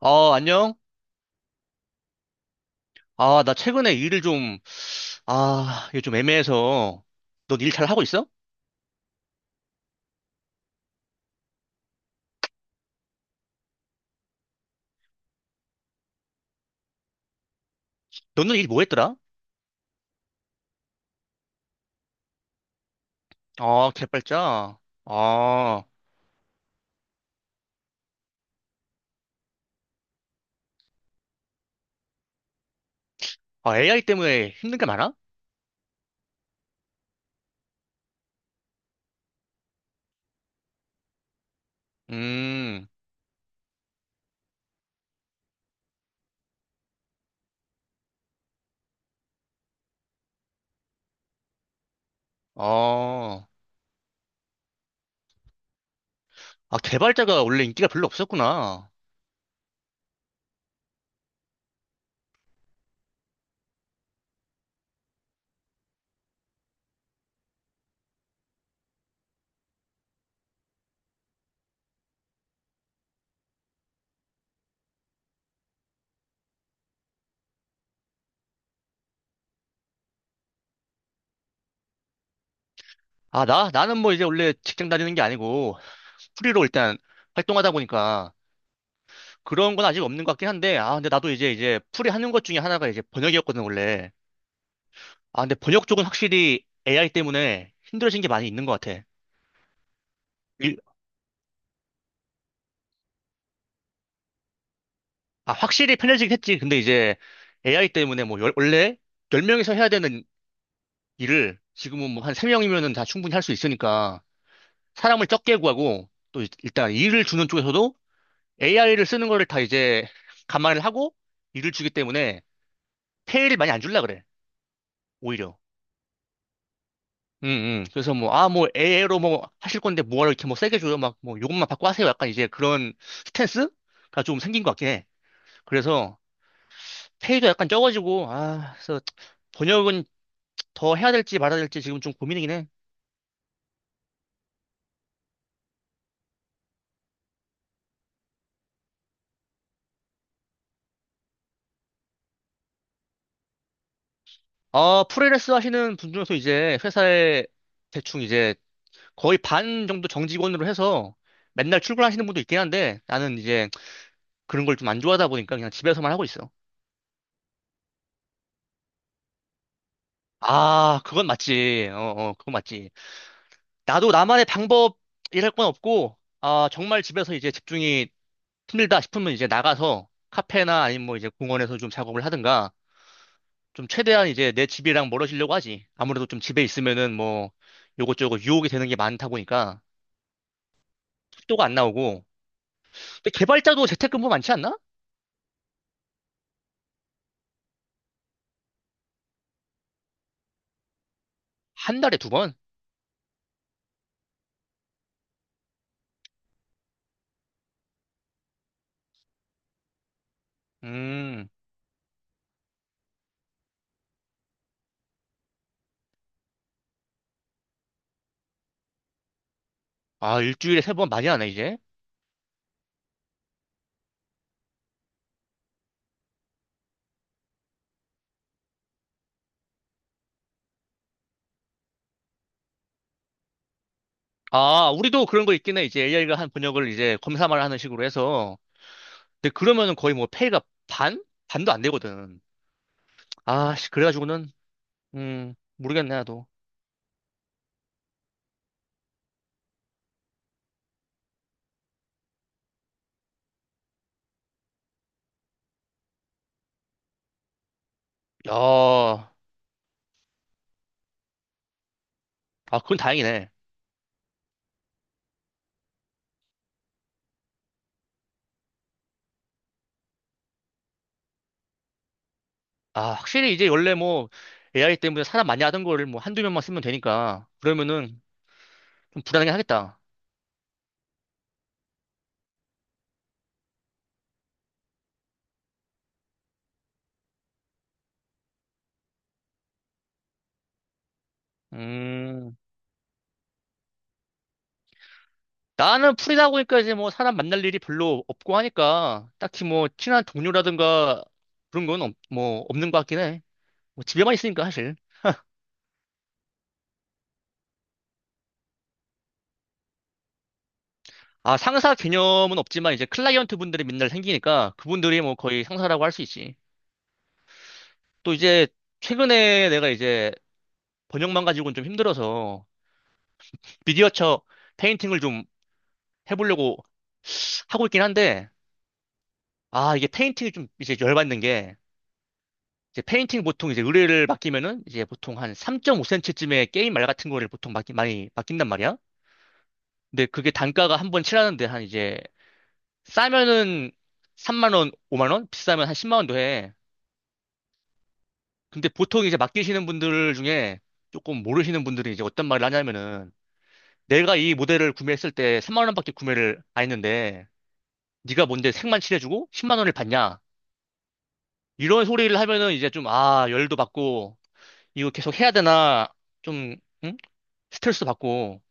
아, 안녕? 아, 나 최근에 일을 좀, 아, 이게 좀 애매해서. 넌 일 잘 하고 있어? 너는 일 뭐 했더라? 아, 개발자. 아, 아, AI 때문에 힘든 게 많아? 음, 아, 아, 개발자가 원래 인기가 별로 없었구나. 아, 나는 뭐 이제 원래 직장 다니는 게 아니고, 프리로 일단 활동하다 보니까 그런 건 아직 없는 것 같긴 한데, 아, 근데 나도 이제 프리 하는 것 중에 하나가 이제 번역이었거든, 원래. 아, 근데 번역 쪽은 확실히 AI 때문에 힘들어진 게 많이 있는 것 같아. 일- 아, 확실히 편해지긴 했지. 근데 이제 AI 때문에 뭐, 원래 10명이서 해야 되는 일을 지금은 뭐 한 3명이면은 다 충분히 할 수 있으니까 사람을 적게 구하고 또 일단 일을 주는 쪽에서도 AI를 쓰는 거를 다 이제 감안을 하고 일을 주기 때문에 페이를 많이 안 줄라 그래. 오히려. 응, 응. 그래서 뭐, 아, 뭐, AI로 뭐 하실 건데 뭐하러 이렇게 뭐 세게 줘요. 막 뭐 요것만 받고 하세요. 약간 이제 그런 스탠스가 좀 생긴 것 같긴 해. 그래서 페이도 약간 적어지고, 아, 그래서 번역은 더 해야 될지 말아야 될지 지금 좀 고민이긴 해. 아, 프리랜서 하시는 분 중에서 이제 회사에 대충 이제 거의 반 정도 정직원으로 해서 맨날 출근하시는 분도 있긴 한데 나는 이제 그런 걸 좀 안 좋아하다 보니까 그냥 집에서만 하고 있어. 아, 그건 맞지. 어, 어, 그건 맞지. 나도 나만의 방법이랄 건 없고, 아, 정말 집에서 이제 집중이 힘들다 싶으면 이제 나가서 카페나 아니면 뭐 이제 공원에서 좀 작업을 하든가 좀 최대한 이제 내 집이랑 멀어지려고 하지. 아무래도 좀 집에 있으면은 뭐 요것저것 유혹이 되는 게 많다 보니까 속도가 안 나오고. 근데 개발자도 재택근무 많지 않나? 한 달에 두 번? 음. 아, 일주일에 세 번 많이 하네, 이제. 아, 우리도 그런 거 있긴 해. 이제 AI가 한 번역을 이제 검사만 하는 식으로 해서. 근데 그러면은 거의 뭐 페이가 반? 반도 안 되거든. 아, 씨, 그래가지고는, 모르겠네, 나도. 야, 아, 그건 다행이네. 아, 확실히 이제 원래 뭐 AI 때문에 사람 많이 하던 거를 뭐 한두 명만 쓰면 되니까 그러면은 좀 불안하긴 하겠다. 음, 나는 풀이다 보니까 이제 뭐 사람 만날 일이 별로 없고 하니까 딱히 뭐 친한 동료라든가 그런 건 뭐 없는 것 같긴 해. 뭐 집에만 있으니까 사실. 아, 상사 개념은 없지만 이제 클라이언트 분들이 맨날 생기니까 그분들이 뭐 거의 상사라고 할 수 있지. 또 이제 최근에 내가 이제 번역만 가지고는 좀 힘들어서 미디어처 페인팅을 좀 해보려고 하고 있긴 한데 아, 이게 페인팅이 좀 이제 열받는 게, 이제 페인팅 보통 이제 의뢰를 맡기면은 이제 보통 한 3.5cm쯤의 게임 말 같은 거를 보통 많이 맡긴단 말이야. 근데 그게 단가가 한번 칠하는데 한 이제 싸면은 3만 원, 5만 원, 비싸면 한 10만 원도 해. 근데 보통 이제 맡기시는 분들 중에 조금 모르시는 분들이 이제 어떤 말을 하냐면은 내가 이 모델을 구매했을 때 3만 원밖에 구매를 안 했는데 네가 뭔데 색만 칠해주고 10만 원을 받냐? 이런 소리를 하면은 이제 좀 아, 열도 받고 이거 계속 해야 되나, 좀, 응? 스트레스 받고.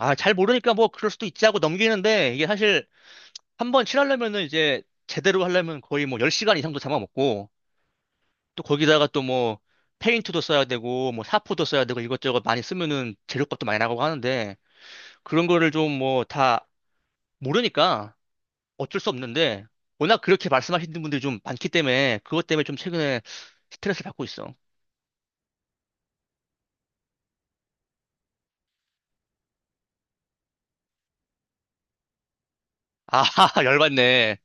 아, 잘 모르니까 뭐 그럴 수도 있지 하고 넘기는데, 이게 사실 한 번 칠하려면은 이제 제대로 하려면 거의 뭐 10시간 이상도 잡아먹고, 또 거기다가 또 뭐 페인트도 써야 되고, 뭐 사포도 써야 되고, 이것저것 많이 쓰면은 재료값도 많이 나가고 하는데, 그런 거를 좀 뭐 다 모르니까 어쩔 수 없는데, 워낙 그렇게 말씀하시는 분들이 좀 많기 때문에, 그것 때문에 좀 최근에 스트레스 받고 있어. 아, 열받네.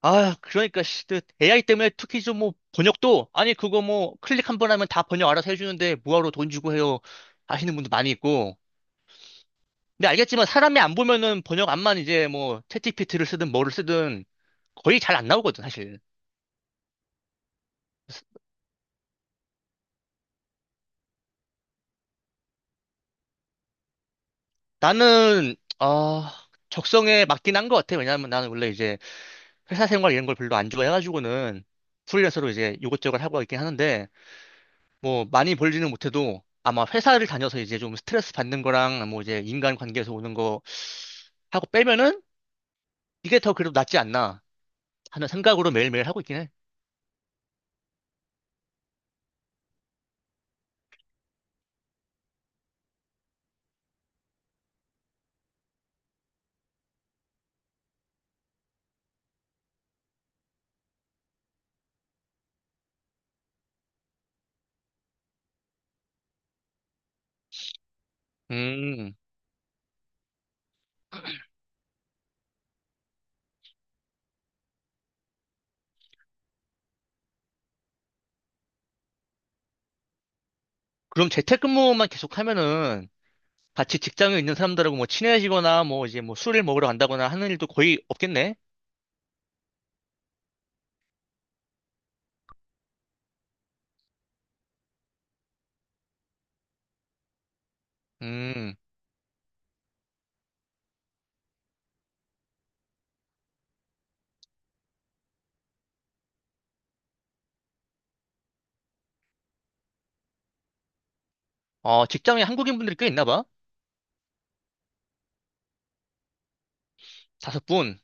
아, 그러니까, 씨, 그 AI 때문에 특히 좀 뭐, 번역도, 아니, 그거 뭐, 클릭 한번 하면 다 번역 알아서 해주는데, 뭐하러 돈 주고 해요. 하시는 분도 많이 있고. 근데 알겠지만, 사람이 안 보면은 번역 안만 이제 뭐, 챗GPT를 쓰든 뭐를 쓰든 거의 잘 안 나오거든, 사실. 그래서 나는, 아, 적성에 맞긴 한 것 같아. 왜냐하면 나는 원래 이제 회사 생활 이런 걸 별로 안 좋아해가지고는 프리랜서로 이제 이것저것 하고 있긴 하는데, 뭐 많이 벌지는 못해도 아마 회사를 다녀서 이제 좀 스트레스 받는 거랑 뭐 이제 인간 관계에서 오는 거 하고 빼면은 이게 더 그래도 낫지 않나 하는 생각으로 매일매일 하고 있긴 해. 음. 그럼 재택근무만 계속 하면은 같이 직장에 있는 사람들하고 뭐 친해지거나 뭐 이제 뭐 술을 먹으러 간다거나 하는 일도 거의 없겠네. 음. 어, 직장에 한국인 분들이 꽤 있나 봐. 다섯 분.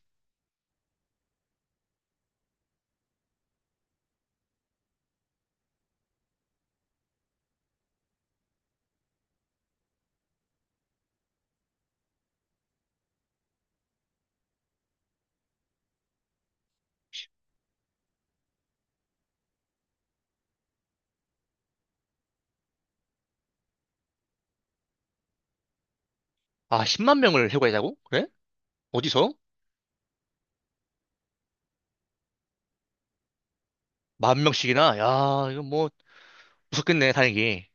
아, 10만 명을 해고하자고? 그래? 어디서? 만 명씩이나? 야, 이거 뭐 무섭겠네, 다행히.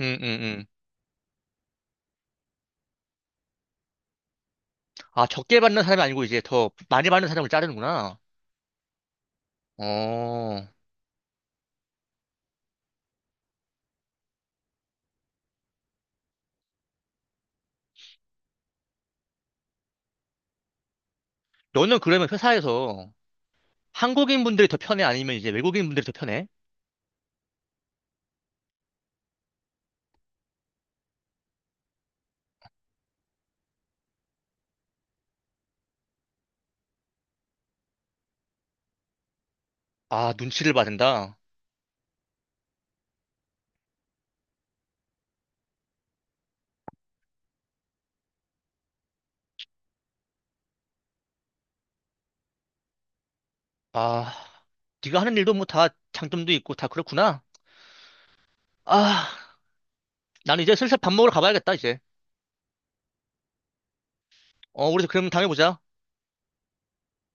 음, 음, 음. 아, 적게 받는 사람이 아니고 이제 더 많이 받는 사람을 자르는구나. 어, 너는 그러면 회사에서 한국인 분들이 더 편해? 아니면 이제 외국인 분들이 더 편해? 아, 눈치를 받는다. 아, 네가 하는 일도 뭐 다 장점도 있고 다 그렇구나. 아, 나는 이제 슬슬 밥 먹으러 가봐야겠다, 이제. 어, 우리 그럼 다음에 보자.